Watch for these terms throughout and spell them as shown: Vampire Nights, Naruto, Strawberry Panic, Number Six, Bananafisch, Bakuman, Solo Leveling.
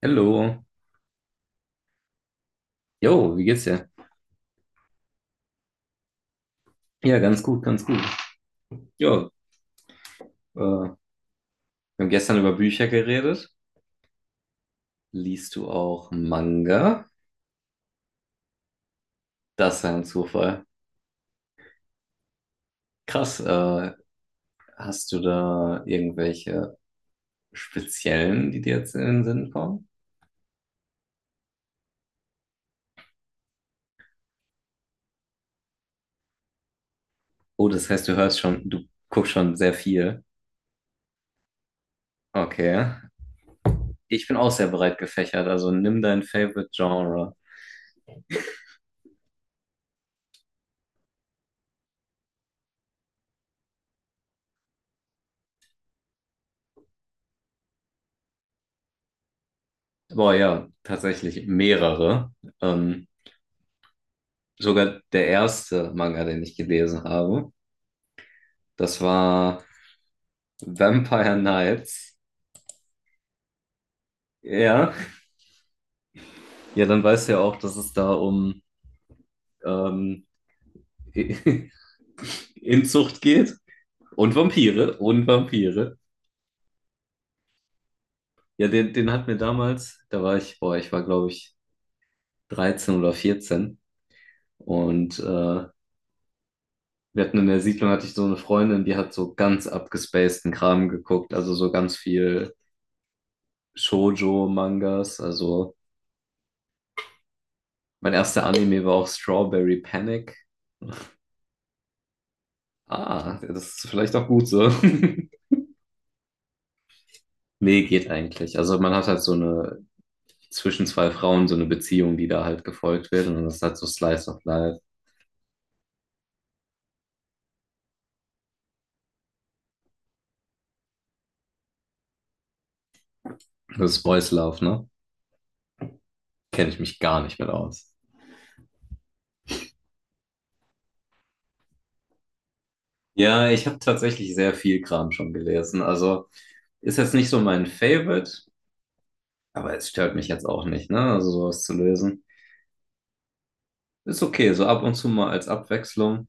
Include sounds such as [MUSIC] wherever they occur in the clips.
Hallo. Jo, wie geht's dir? Ja, ganz gut, ganz gut. Ja, wir haben gestern über Bücher geredet. Liest du auch Manga? Das war ein Zufall. Krass, hast du da irgendwelche speziellen, die dir jetzt in den Sinn kommen? Oh, das heißt, du hörst schon, du guckst schon sehr viel. Okay. Ich bin auch sehr breit gefächert, also nimm dein Favorite Genre. Boah, ja, tatsächlich mehrere. Ähm, sogar der erste Manga, den ich gelesen habe. Das war Vampire Nights. Ja. Ja, dann weißt du ja auch, dass es da um ähm, [LAUGHS] Inzucht geht. Und Vampire. Und Vampire. Ja, den hat mir damals, da war ich, boah, ich war glaube ich 13 oder 14. Und wir hatten in der Siedlung, hatte ich so eine Freundin, die hat so ganz abgespaceden Kram geguckt. Also so ganz viel Shoujo-Mangas. Also mein erster Anime war auch Strawberry Panic. Ah, das ist vielleicht auch gut so. [LAUGHS] Nee, geht eigentlich. Also man hat halt so eine zwischen zwei Frauen so eine Beziehung, die da halt gefolgt wird. Und das ist halt so Slice of Life. Das ist Boys Love, ne? Kenne ich mich gar nicht mit aus. Ja, ich habe tatsächlich sehr viel Kram schon gelesen. Also ist jetzt nicht so mein Favorite, aber es stört mich jetzt auch nicht, ne? Also sowas zu lesen. Ist okay, so ab und zu mal als Abwechslung.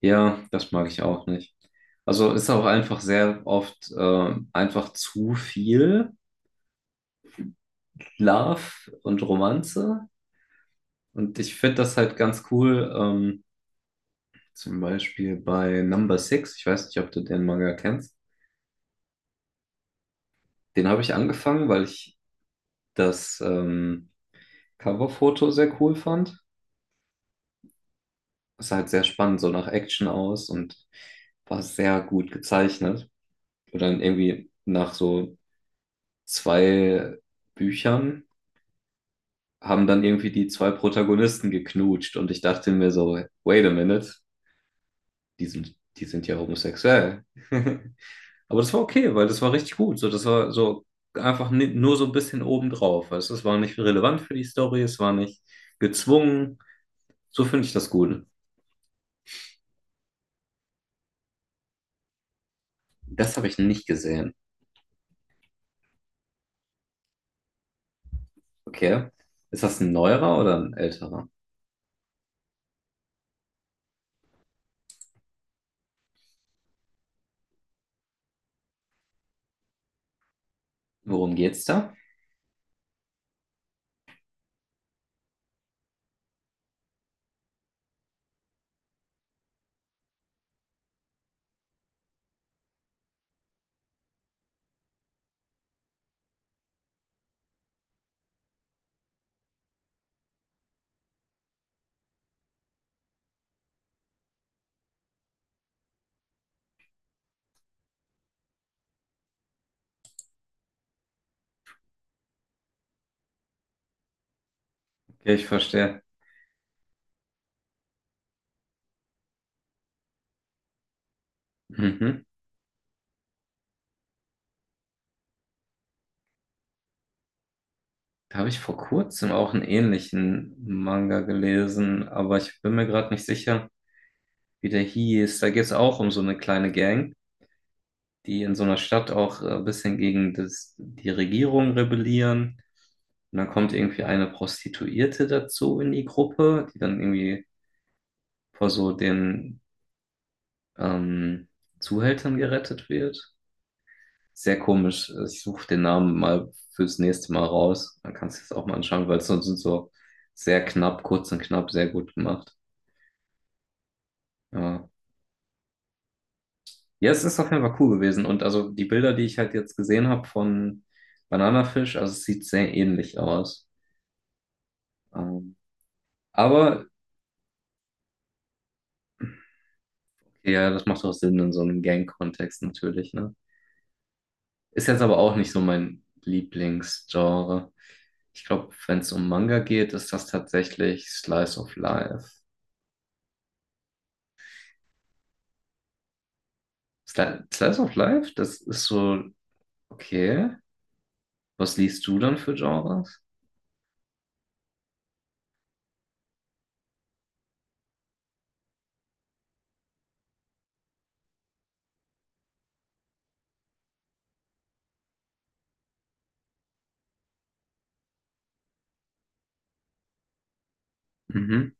Ja, das mag ich auch nicht. Also ist auch einfach sehr oft einfach zu viel. Love und Romanze. Und ich finde das halt ganz cool, zum Beispiel bei Number Six. Ich weiß nicht, ob du den Manga kennst. Den habe ich angefangen, weil ich das Coverfoto sehr cool fand. Es sah halt sehr spannend, so nach Action aus und war sehr gut gezeichnet. Und dann irgendwie nach so zwei Büchern haben dann irgendwie die zwei Protagonisten geknutscht und ich dachte mir so, wait a minute, die sind ja homosexuell. [LAUGHS] Aber das war okay, weil das war richtig gut. So, das war so einfach nur so ein bisschen obendrauf. Weißt du? Es war nicht relevant für die Story, es war nicht gezwungen. So finde ich das gut. Das habe ich nicht gesehen. Okay. Ist das ein neuerer oder ein älterer? Worum geht's da? Okay, ich verstehe. Mhm. Da habe ich vor kurzem auch einen ähnlichen Manga gelesen, aber ich bin mir gerade nicht sicher, wie der hieß. Da geht es auch um so eine kleine Gang, die in so einer Stadt auch ein bisschen gegen die Regierung rebellieren. Und dann kommt irgendwie eine Prostituierte dazu in die Gruppe, die dann irgendwie vor so den ähm, Zuhältern gerettet wird. Sehr komisch. Ich suche den Namen mal fürs nächste Mal raus. Dann kannst du es auch mal anschauen, weil es sonst sind so sehr knapp, kurz und knapp, sehr gut gemacht. Ja. Ja, es ist auf jeden Fall cool gewesen. Und also die Bilder, die ich halt jetzt gesehen habe von Bananafisch, also es sieht sehr ähnlich aus. Ähm, aber okay, ja, das macht auch Sinn in so einem Gang-Kontext natürlich, ne? Ist jetzt aber auch nicht so mein Lieblingsgenre. Ich glaube, wenn es um Manga geht, ist das tatsächlich Slice of Life. Sli Slice of Life? Das ist so, okay. Was liest du dann für Genres? Mhm.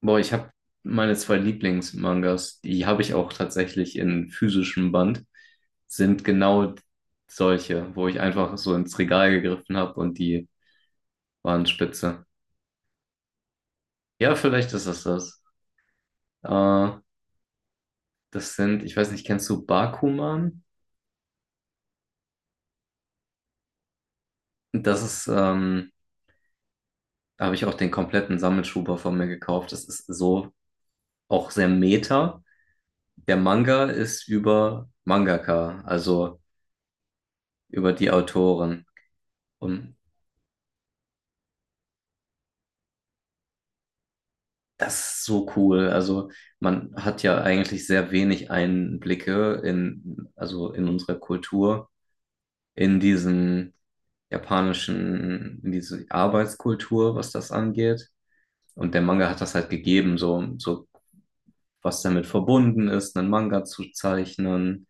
Boah, ich habe meine zwei Lieblingsmangas, die habe ich auch tatsächlich in physischem Band, sind genau solche, wo ich einfach so ins Regal gegriffen habe und die waren spitze. Ja, vielleicht ist es das. Äh, das sind, ich weiß nicht, kennst du Bakuman? Das ist, da habe ich auch den kompletten Sammelschuber von mir gekauft. Das ist so auch sehr meta. Der Manga ist über Mangaka, also über die Autoren. Und das ist so cool. Also man hat ja eigentlich sehr wenig Einblicke in, also in unsere Kultur in diesem japanischen, in diese Arbeitskultur, was das angeht. Und der Manga hat das halt gegeben, so, so was damit verbunden ist, einen Manga zu zeichnen,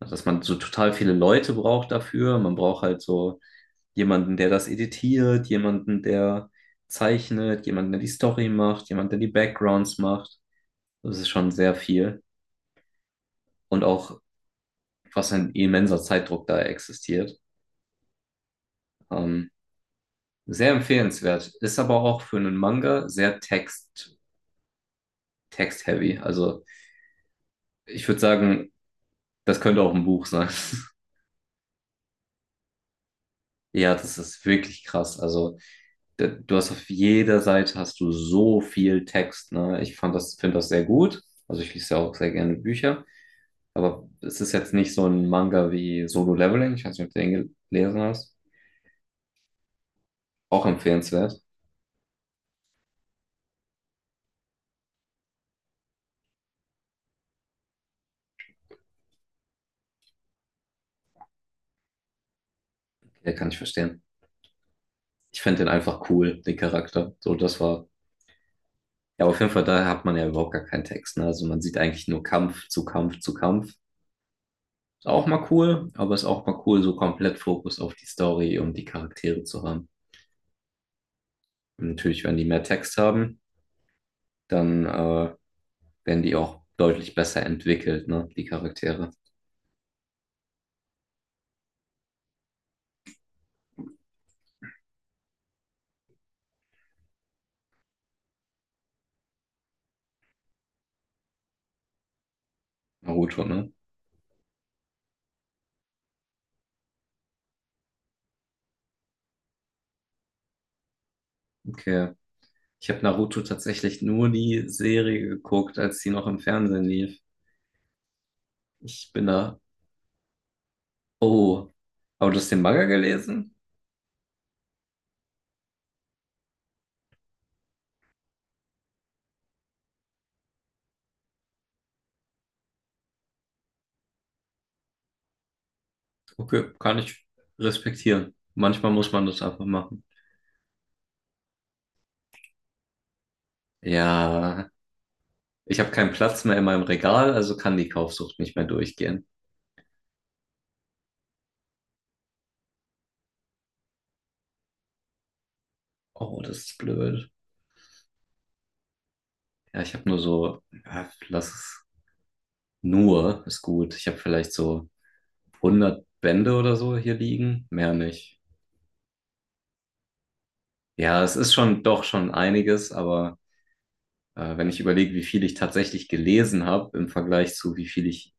dass man so total viele Leute braucht dafür. Man braucht halt so jemanden, der das editiert, jemanden, der zeichnet, jemanden, der die Story macht, jemanden, der die Backgrounds macht. Das ist schon sehr viel. Und auch, was ein immenser Zeitdruck da existiert. Ähm, Sehr empfehlenswert. Ist aber auch für einen Manga sehr text-heavy. Also ich würde sagen, das könnte auch ein Buch sein. [LAUGHS] Ja, das ist wirklich krass. Also du hast auf jeder Seite hast du so viel Text. Ne? Ich fand das, finde das sehr gut. Also ich lese ja auch sehr gerne Bücher. Aber es ist jetzt nicht so ein Manga wie Solo Leveling. Ich weiß nicht, ob du den gelesen hast. Auch empfehlenswert. Ja, kann ich verstehen. Ich finde den einfach cool, den Charakter. So, das war. Ja, auf jeden Fall, da hat man ja überhaupt gar keinen Text. Ne? Also man sieht eigentlich nur Kampf zu Kampf zu Kampf. Ist auch mal cool, aber ist auch mal cool, so komplett Fokus auf die Story und die Charaktere zu haben. Und natürlich, wenn die mehr Text haben, dann werden die auch deutlich besser entwickelt, ne? Die Charaktere. Naruto, ne? Okay. Ich habe Naruto tatsächlich nur die Serie geguckt, als sie noch im Fernsehen lief. Ich bin da. Oh. Aber du hast den Manga gelesen? Okay, kann ich respektieren. Manchmal muss man das einfach machen. Ja, ich habe keinen Platz mehr in meinem Regal, also kann die Kaufsucht nicht mehr durchgehen. Oh, das ist blöd. Ja, ich habe nur so, ja, lass es nur, ist gut. Ich habe vielleicht so 100 Bände oder so hier liegen, mehr nicht. Ja, es ist schon doch schon einiges, aber wenn ich überlege, wie viel ich tatsächlich gelesen habe im Vergleich zu wie viel ich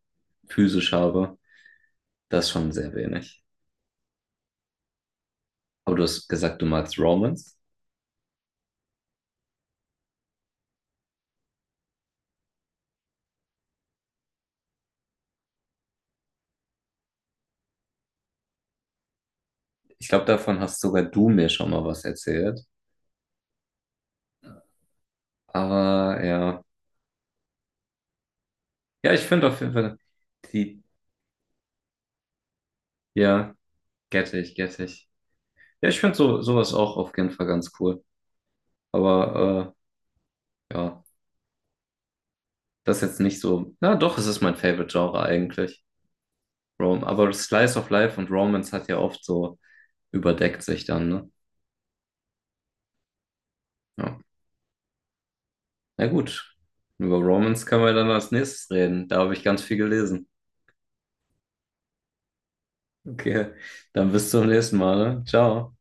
physisch habe, das ist schon sehr wenig. Aber du hast gesagt, du magst Romans. Ich glaube, davon hast sogar du mir schon mal was erzählt. Aber ja. Ja, ich finde auf jeden Fall die, ja, get ich, get ich. Ja, ich finde so, sowas auch auf jeden Fall ganz cool. Aber ja, das ist jetzt nicht so. Na doch, es ist mein Favorite-Genre eigentlich. Rom. Aber Slice of Life und Romance hat ja oft so überdeckt sich dann, ne? Ja. Na gut. Über Romance können wir dann als nächstes reden. Da habe ich ganz viel gelesen. Okay, dann bis zum nächsten Mal, ne? Ciao.